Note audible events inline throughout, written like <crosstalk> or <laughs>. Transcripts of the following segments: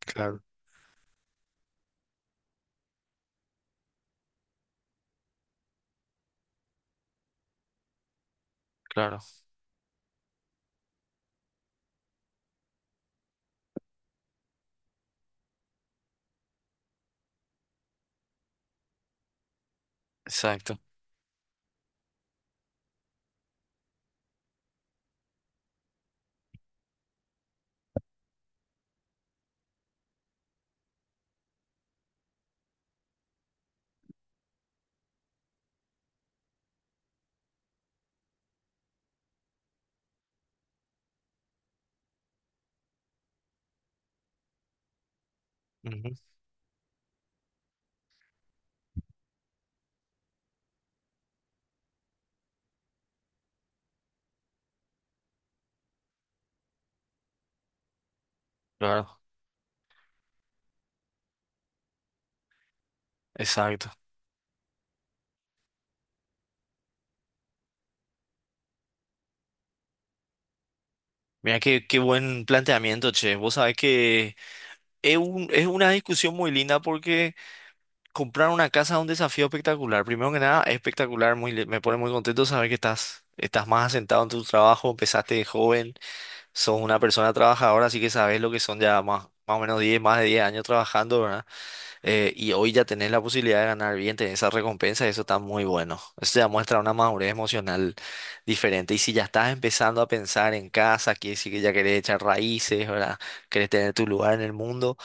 Claro, claro, exacto. Ujú, claro, exacto. Mira qué buen planteamiento, che. Vos sabés que es una discusión muy linda porque comprar una casa es un desafío espectacular. Primero que nada, es espectacular, me pone muy contento saber que estás más asentado en tu trabajo, empezaste de joven, sos una persona trabajadora, así que sabés lo que son ya más o menos 10, más de 10 años trabajando, ¿verdad? Y hoy ya tenés la posibilidad de ganar bien, tenés esa recompensa, eso está muy bueno. Eso ya muestra una madurez emocional diferente. Y si ya estás empezando a pensar en casa, quiere decir que si ya querés echar raíces, ¿verdad? Querés tener tu lugar en el mundo.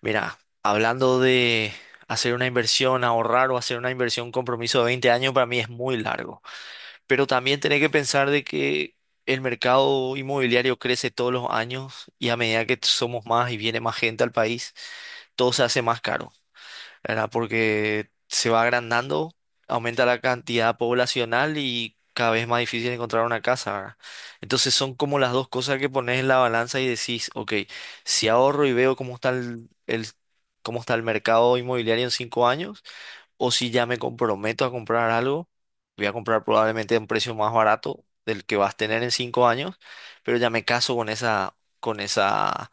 Mira, hablando de hacer una inversión, ahorrar o hacer una inversión, un compromiso de 20 años, para mí es muy largo. Pero también tenés que pensar de que el mercado inmobiliario crece todos los años y a medida que somos más y viene más gente al país, todo se hace más caro. ¿Verdad? Porque se va agrandando, aumenta la cantidad poblacional y cada vez más difícil encontrar una casa, ¿verdad? Entonces son como las dos cosas que pones en la balanza y decís, ok, si ahorro y veo cómo está cómo está el mercado inmobiliario en 5 años, o si ya me comprometo a comprar algo, voy a comprar probablemente a un precio más barato del que vas a tener en 5 años, pero ya me caso con con esa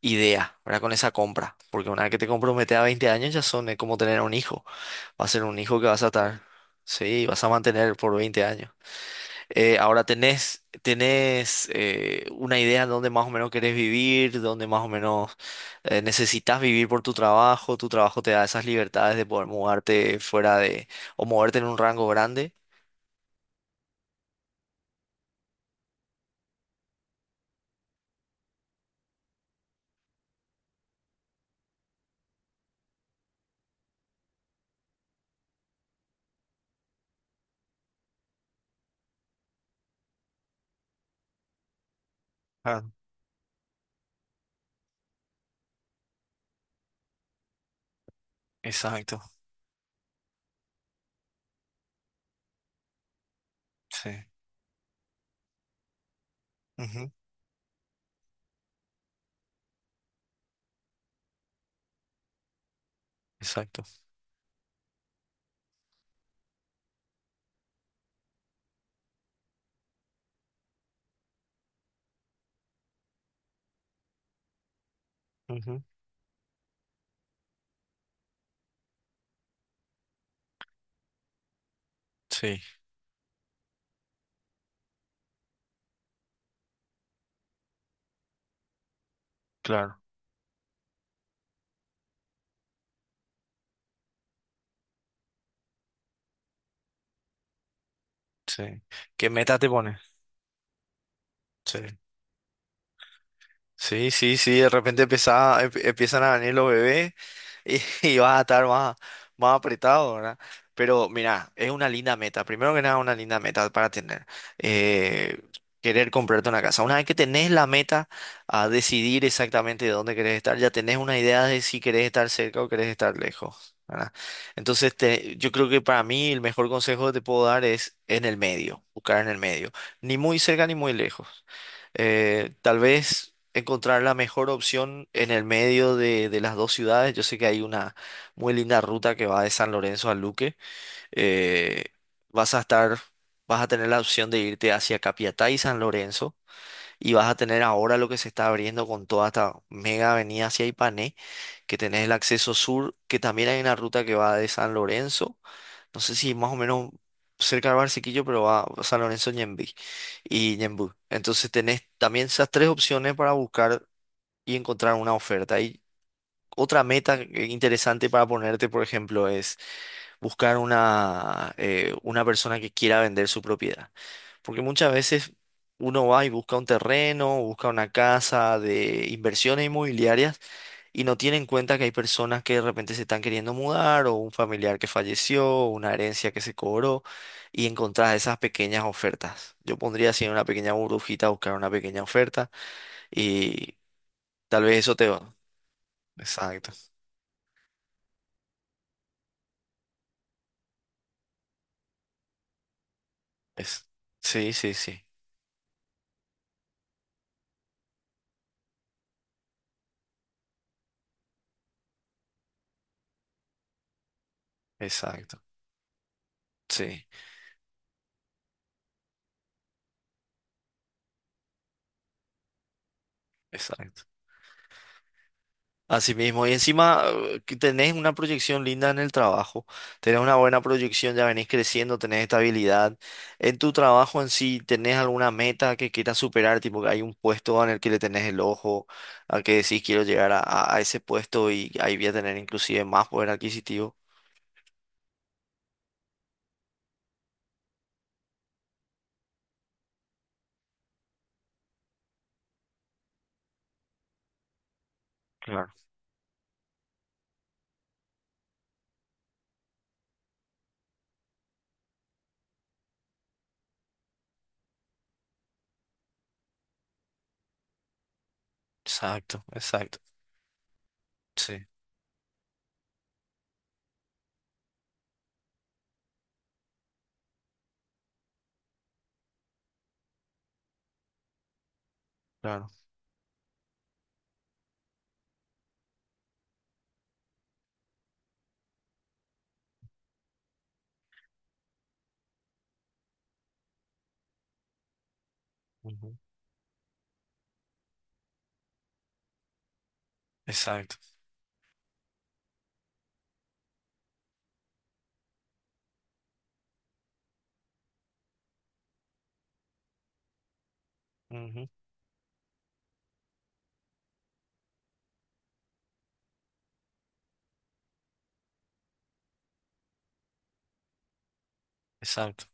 idea, ¿verdad? Con esa compra. Porque una vez que te comprometes a 20 años ya son, es como tener un hijo. Va a ser un hijo que vas a estar, sí, vas a mantener por 20 años. Ahora tenés una idea de dónde más o menos querés vivir, dónde más o menos necesitas vivir por tu trabajo. Tu trabajo te da esas libertades de poder mudarte fuera de, o moverte en un rango grande. Ah, exacto, sí. Ujú, exacto. Ujú, sí, claro, sí. ¿Qué meta te pones? Sí. Sí, sí, sí, de repente empiezan a venir los bebés y, <laughs> y vas a estar más apretado, ¿verdad? Pero mira, es una linda meta. Primero que nada, una linda meta para tener. eh, Querer comprarte una casa. Una vez que tenés la meta a decidir exactamente de dónde querés estar, ya tenés una idea de si querés estar cerca o querés estar lejos, ¿verdad? Entonces, yo creo que para mí el mejor consejo que te puedo dar es en el medio, buscar en el medio. Ni muy cerca ni muy lejos. Tal vez encontrar la mejor opción en el medio de las dos ciudades. Yo sé que hay una muy linda ruta que va de San Lorenzo a Luque. Eh, vas a estar, vas a tener la opción de irte hacia Capiatá y San Lorenzo. Y vas a tener ahora lo que se está abriendo con toda esta mega avenida hacia Ipané, que tenés el acceso sur, que también hay una ruta que va de San Lorenzo, no sé si más o menos cerca de Barcequillo, pero va a San Lorenzo Ñemby y Ñemby. Entonces tenés también esas tres opciones para buscar y encontrar una oferta. Y otra meta interesante para ponerte, por ejemplo, es buscar una persona que quiera vender su propiedad. Porque muchas veces uno va y busca un terreno, busca una casa de inversiones inmobiliarias y no tiene en cuenta que hay personas que de repente se están queriendo mudar o un familiar que falleció, o una herencia que se cobró y encontrás esas pequeñas ofertas. Yo pondría así en una pequeña burbujita, buscar una pequeña oferta y tal vez eso te va. Exacto. Es... Sí, sí, sí. Exacto. Sí, exacto. Así mismo, y encima que tenés una proyección linda en el trabajo, tenés una buena proyección, ya venís creciendo, tenés estabilidad. En tu trabajo en sí, ¿tenés alguna meta que quieras superar? Tipo que hay un puesto en el que le tenés el ojo, a que decís quiero llegar a ese puesto y ahí voy a tener inclusive más poder adquisitivo. Claro. Exacto, exacto. Sí, claro. Ujú, exacto. Ujú, exacto.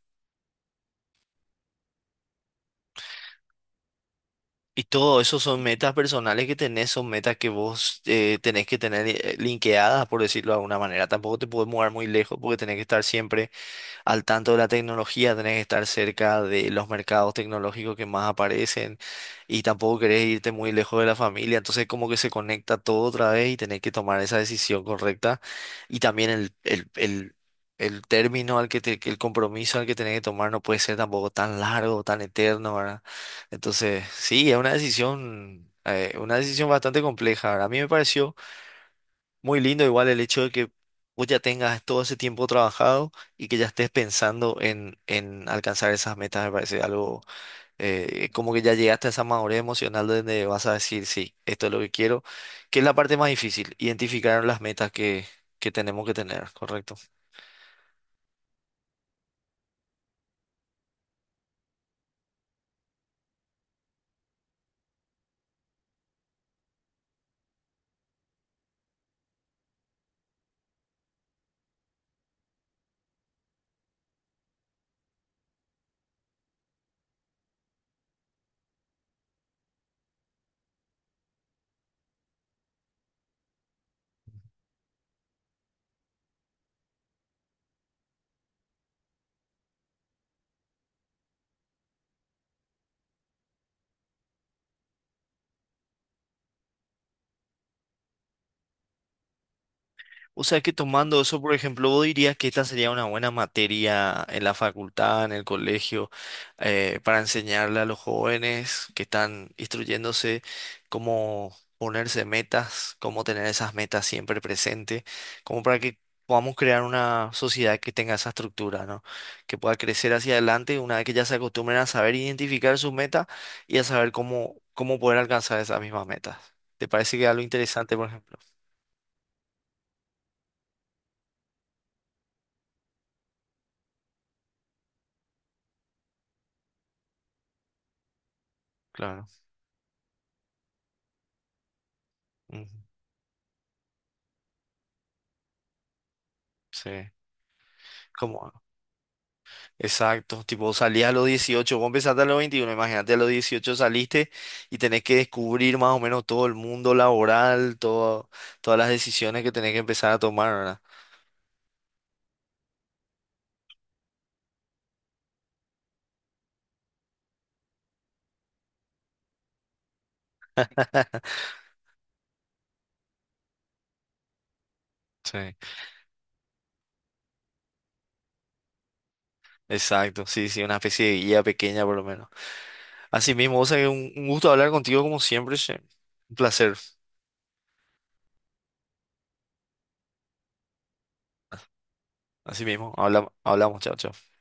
Y todo eso son metas personales que tenés, son metas que vos tenés que tener linkeadas, por decirlo de alguna manera. Tampoco te puedes mover muy lejos porque tenés que estar siempre al tanto de la tecnología, tenés que estar cerca de los mercados tecnológicos que más aparecen y tampoco querés irte muy lejos de la familia. Entonces como que se conecta todo otra vez y tenés que tomar esa decisión correcta y también el compromiso al que tenés que tomar no puede ser tampoco tan largo, tan eterno, ¿verdad? Entonces, sí, es una decisión bastante compleja. ¿Verdad? A mí me pareció muy lindo igual el hecho de que vos ya tengas todo ese tiempo trabajado y que ya estés pensando en alcanzar esas metas, me parece algo como que ya llegaste a esa madurez emocional donde vas a decir, sí, esto es lo que quiero, que es la parte más difícil, identificar las metas que tenemos que tener, ¿correcto? O sea que tomando eso, por ejemplo, vos dirías que esta sería una buena materia en la facultad, en el colegio, para enseñarle a los jóvenes que están instruyéndose cómo ponerse metas, cómo tener esas metas siempre presentes, como para que podamos crear una sociedad que tenga esa estructura, ¿no? Que pueda crecer hacia adelante una vez que ya se acostumbren a saber identificar sus metas y a saber cómo, cómo poder alcanzar esas mismas metas. ¿Te parece que es algo interesante, por ejemplo? Claro. Ujú. Sí, como, exacto, tipo salías a los 18, vos empezaste a los 21. Imagínate a los 18 saliste y tenés que descubrir más o menos todo el mundo laboral, todas las decisiones que tenés que empezar a tomar, ¿verdad? Sí, exacto, sí, sí, una especie de guía pequeña por lo menos. Así mismo, o sea, que un gusto hablar contigo como siempre, che. Un placer. Así mismo, hablamos, chao, chao.